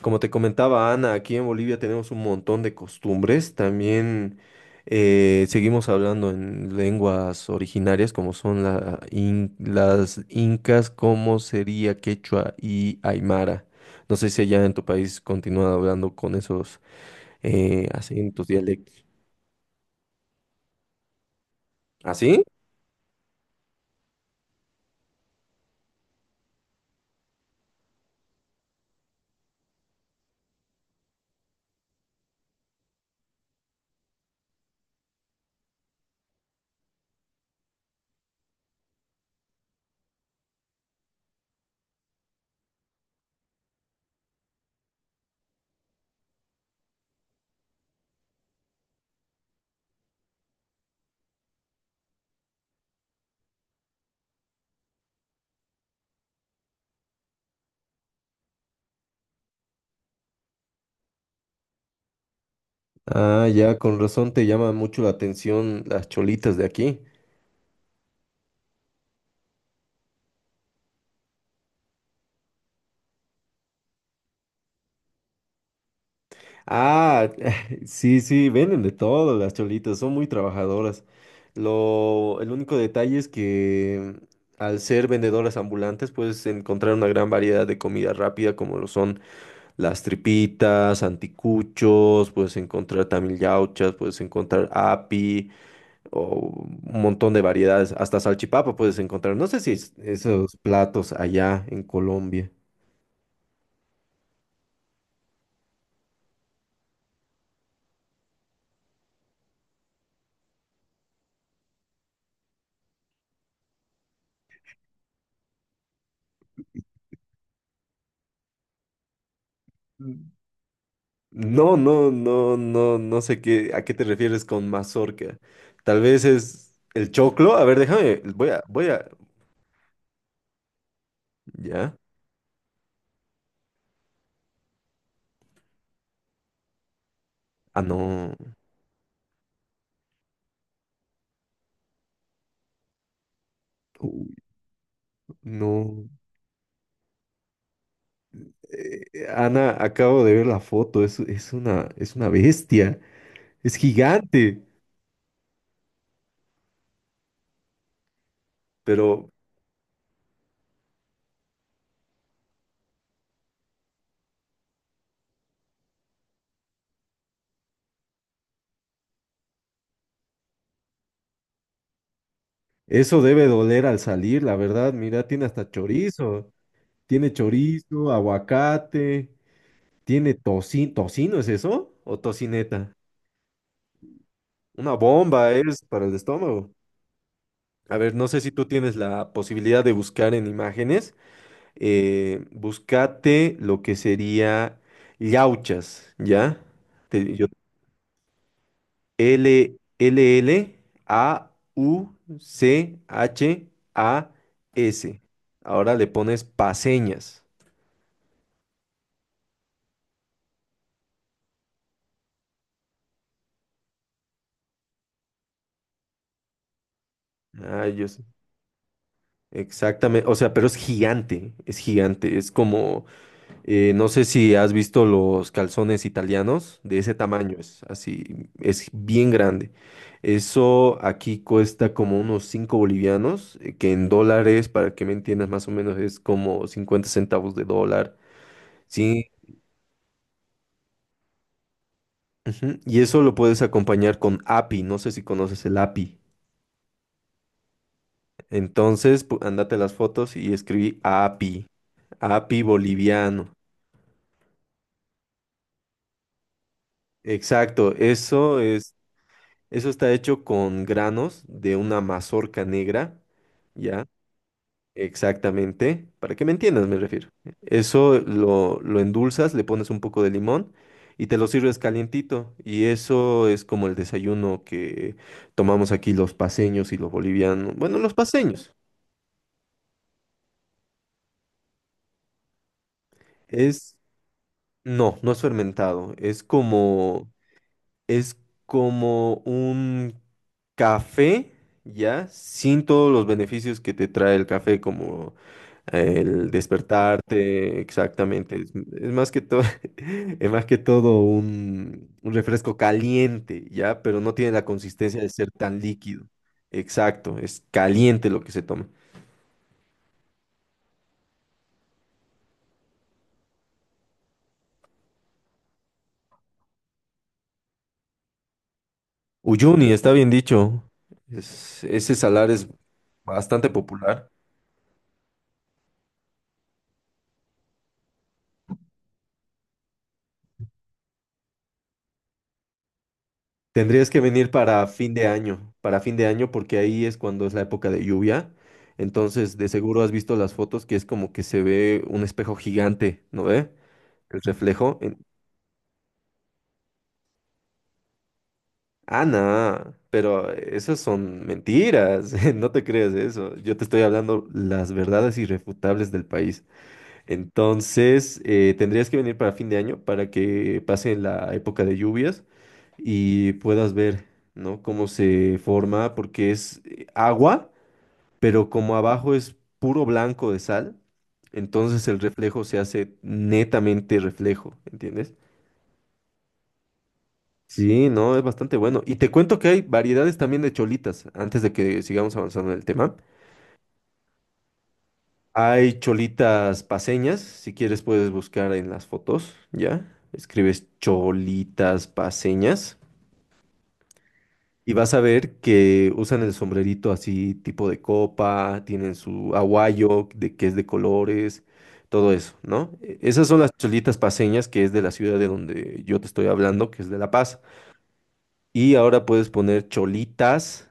Como te comentaba Ana, aquí en Bolivia tenemos un montón de costumbres. También seguimos hablando en lenguas originarias como son las incas, como sería quechua y aymara. No sé si allá en tu país continúan hablando con esos acentos, dialectos. ¿Así? Ah, ya, con razón te llama mucho la atención las cholitas de aquí. Ah, sí, sí, venden de todo las cholitas, son muy trabajadoras. El único detalle es que al ser vendedoras ambulantes puedes encontrar una gran variedad de comida rápida como lo son las tripitas, anticuchos, puedes encontrar también yauchas, puedes encontrar api o un montón de variedades, hasta salchipapa puedes encontrar. No sé si esos platos allá en Colombia. No, no, no, no, no sé qué, a qué te refieres con mazorca. Tal vez es el choclo. A ver, déjame, voy a, ¿ya? Ah, no. Uy, no. Ana, acabo de ver la foto, es una bestia, es gigante, pero eso debe doler al salir, la verdad. Mira, tiene chorizo, aguacate, tiene tocino. ¿Tocino es eso? ¿O tocineta? Una bomba es para el estómago. A ver, no sé si tú tienes la posibilidad de buscar en imágenes. Búscate lo que sería llauchas, ¿ya? Te- yo- Llauchas. Ahora le pones paseñas. Ah, yo sé. Exactamente. O sea, pero es gigante. Es gigante. Es como. No sé si has visto los calzones italianos, de ese tamaño es así, es bien grande. Eso aquí cuesta como unos 5 bolivianos, que en dólares, para que me entiendas más o menos, es como 50 centavos de dólar. Sí, ujú. Y eso lo puedes acompañar con api, no sé si conoces el api. Entonces, andate las fotos y escribí api, api boliviano. Exacto, eso es. Eso está hecho con granos de una mazorca negra, ¿ya? Exactamente. Para que me entiendas, me refiero. Lo endulzas, le pones un poco de limón y te lo sirves calientito. Y eso es como el desayuno que tomamos aquí los paceños y los bolivianos. Bueno, los paceños. Es, no, no es fermentado. Es como. Es como un café, ¿ya? Sin todos los beneficios que te trae el café, como el despertarte, exactamente. Es más que todo, es más que todo un refresco caliente, ¿ya? Pero no tiene la consistencia de ser tan líquido. Exacto, es caliente lo que se toma. Uyuni, está bien dicho. Ese salar es bastante popular. Tendrías que venir para fin de año, para fin de año porque ahí es cuando es la época de lluvia. Entonces, de seguro has visto las fotos que es como que se ve un espejo gigante, ¿no ve? El reflejo. en- Ah, no, pero esas son mentiras, no te creas eso. Yo te estoy hablando las verdades irrefutables del país. Entonces, tendrías que venir para fin de año para que pase la época de lluvias y puedas ver, ¿no? Cómo se forma, porque es agua, pero como abajo es puro blanco de sal, entonces el reflejo se hace netamente reflejo, ¿entiendes? Sí, no, es bastante bueno. Y te cuento que hay variedades también de cholitas, antes de que sigamos avanzando en el tema. Hay cholitas paseñas, si quieres puedes buscar en las fotos, ¿ya? Escribes cholitas paseñas. Y vas a ver que usan el sombrerito así, tipo de copa, tienen su aguayo, de, que es de colores, todo eso, ¿no? Esas son las cholitas paseñas, que es de la ciudad de donde yo te estoy hablando, que es de La Paz. Y ahora puedes poner cholitas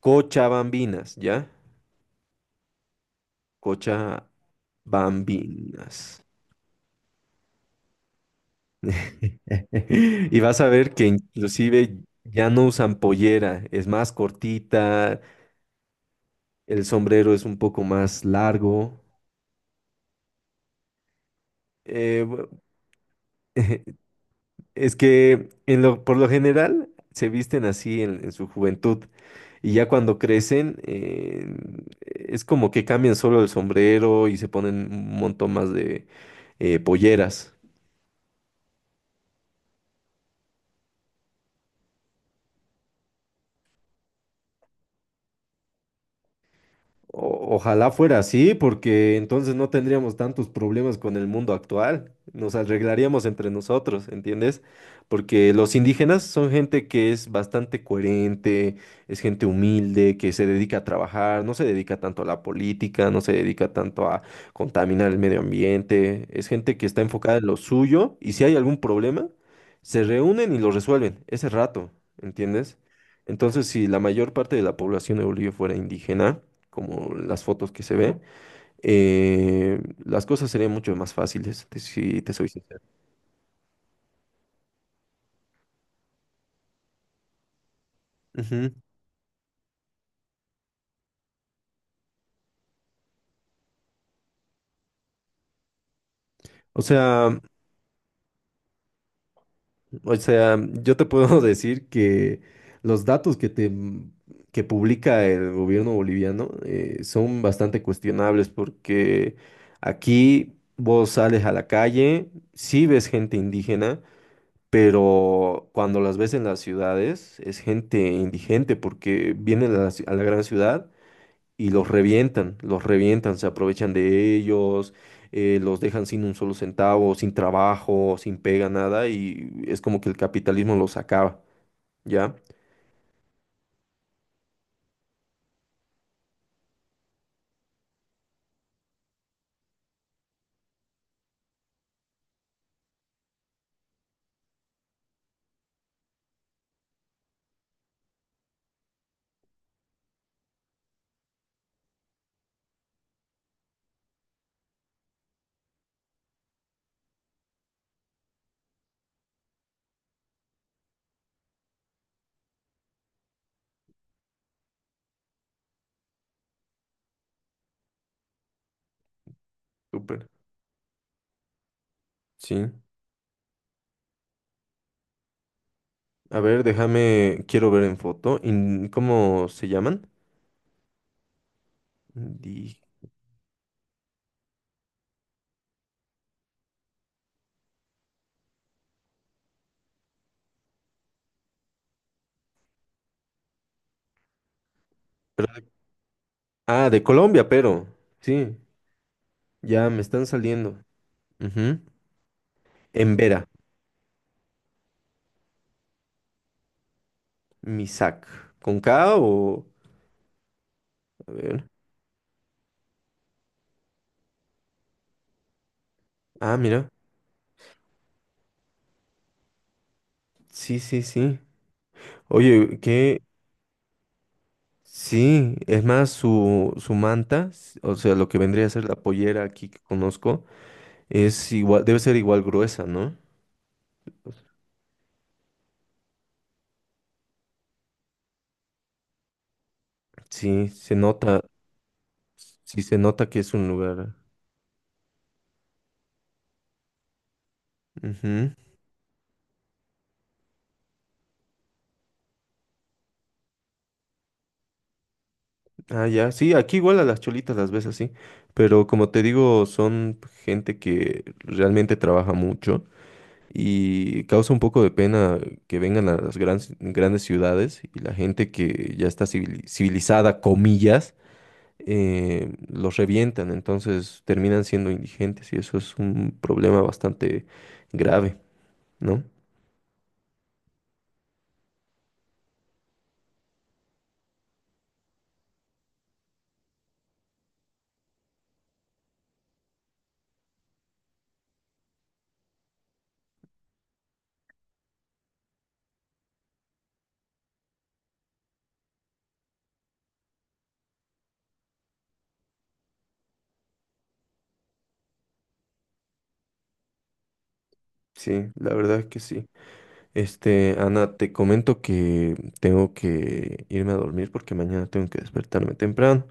cochabambinas, ¿ya? Cochabambinas. Y vas a ver que inclusive ya no usan pollera, es más cortita, el sombrero es un poco más largo. eh, Es que por lo general se visten así en su juventud y ya cuando crecen es como que cambian solo el sombrero y se ponen un montón más de polleras. Ojalá fuera así, porque entonces no tendríamos tantos problemas con el mundo actual. Nos arreglaríamos entre nosotros, ¿entiendes? Porque los indígenas son gente que es bastante coherente, es gente humilde, que se dedica a trabajar, no se dedica tanto a la política, no se dedica tanto a contaminar el medio ambiente. Es gente que está enfocada en lo suyo y si hay algún problema, se reúnen y lo resuelven ese rato, ¿entiendes? Entonces, si la mayor parte de la población de Bolivia fuera indígena, como las fotos que se ve, las cosas serían mucho más fáciles, si te soy sincero. Ujú. O sea, o sea, yo te puedo decir que los datos que te que publica el gobierno boliviano son bastante cuestionables porque aquí vos sales a la calle, sí ves gente indígena, pero cuando las ves en las ciudades es gente indigente porque vienen a a la gran ciudad y los revientan, se aprovechan de ellos, los dejan sin un solo centavo, sin trabajo, sin pega, nada, y es como que el capitalismo los acaba, ¿ya? Súper. Sí. A ver, déjame, quiero ver en foto, ¿cómo se llaman? Indi- pero de- ah, de Colombia, pero, sí, ya me están saliendo. Ujú. En Vera. Misak, ¿con K o...? A ver. Ah, mira. Sí, sí, sí. Oye, qué. Sí, es más, su manta, o sea, lo que vendría a ser la pollera aquí que conozco, es igual, debe ser igual gruesa, ¿no? Sí, se nota, sí se nota que es un lugar. Ujú. Ah, ya, sí, aquí igual a las cholitas las ves así, pero como te digo, son gente que realmente trabaja mucho y causa un poco de pena que vengan a grandes ciudades y la gente que ya está civilizada, comillas, los revientan, entonces terminan siendo indigentes y eso es un problema bastante grave, ¿no? Sí, la verdad es que sí. Este, Ana, te comento que tengo que irme a dormir porque mañana tengo que despertarme temprano.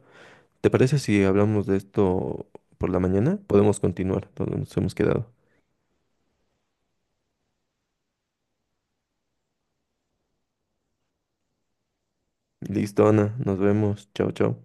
¿Te parece si hablamos de esto por la mañana? Podemos continuar donde nos hemos quedado. Listo, Ana, nos vemos. Chao, chao.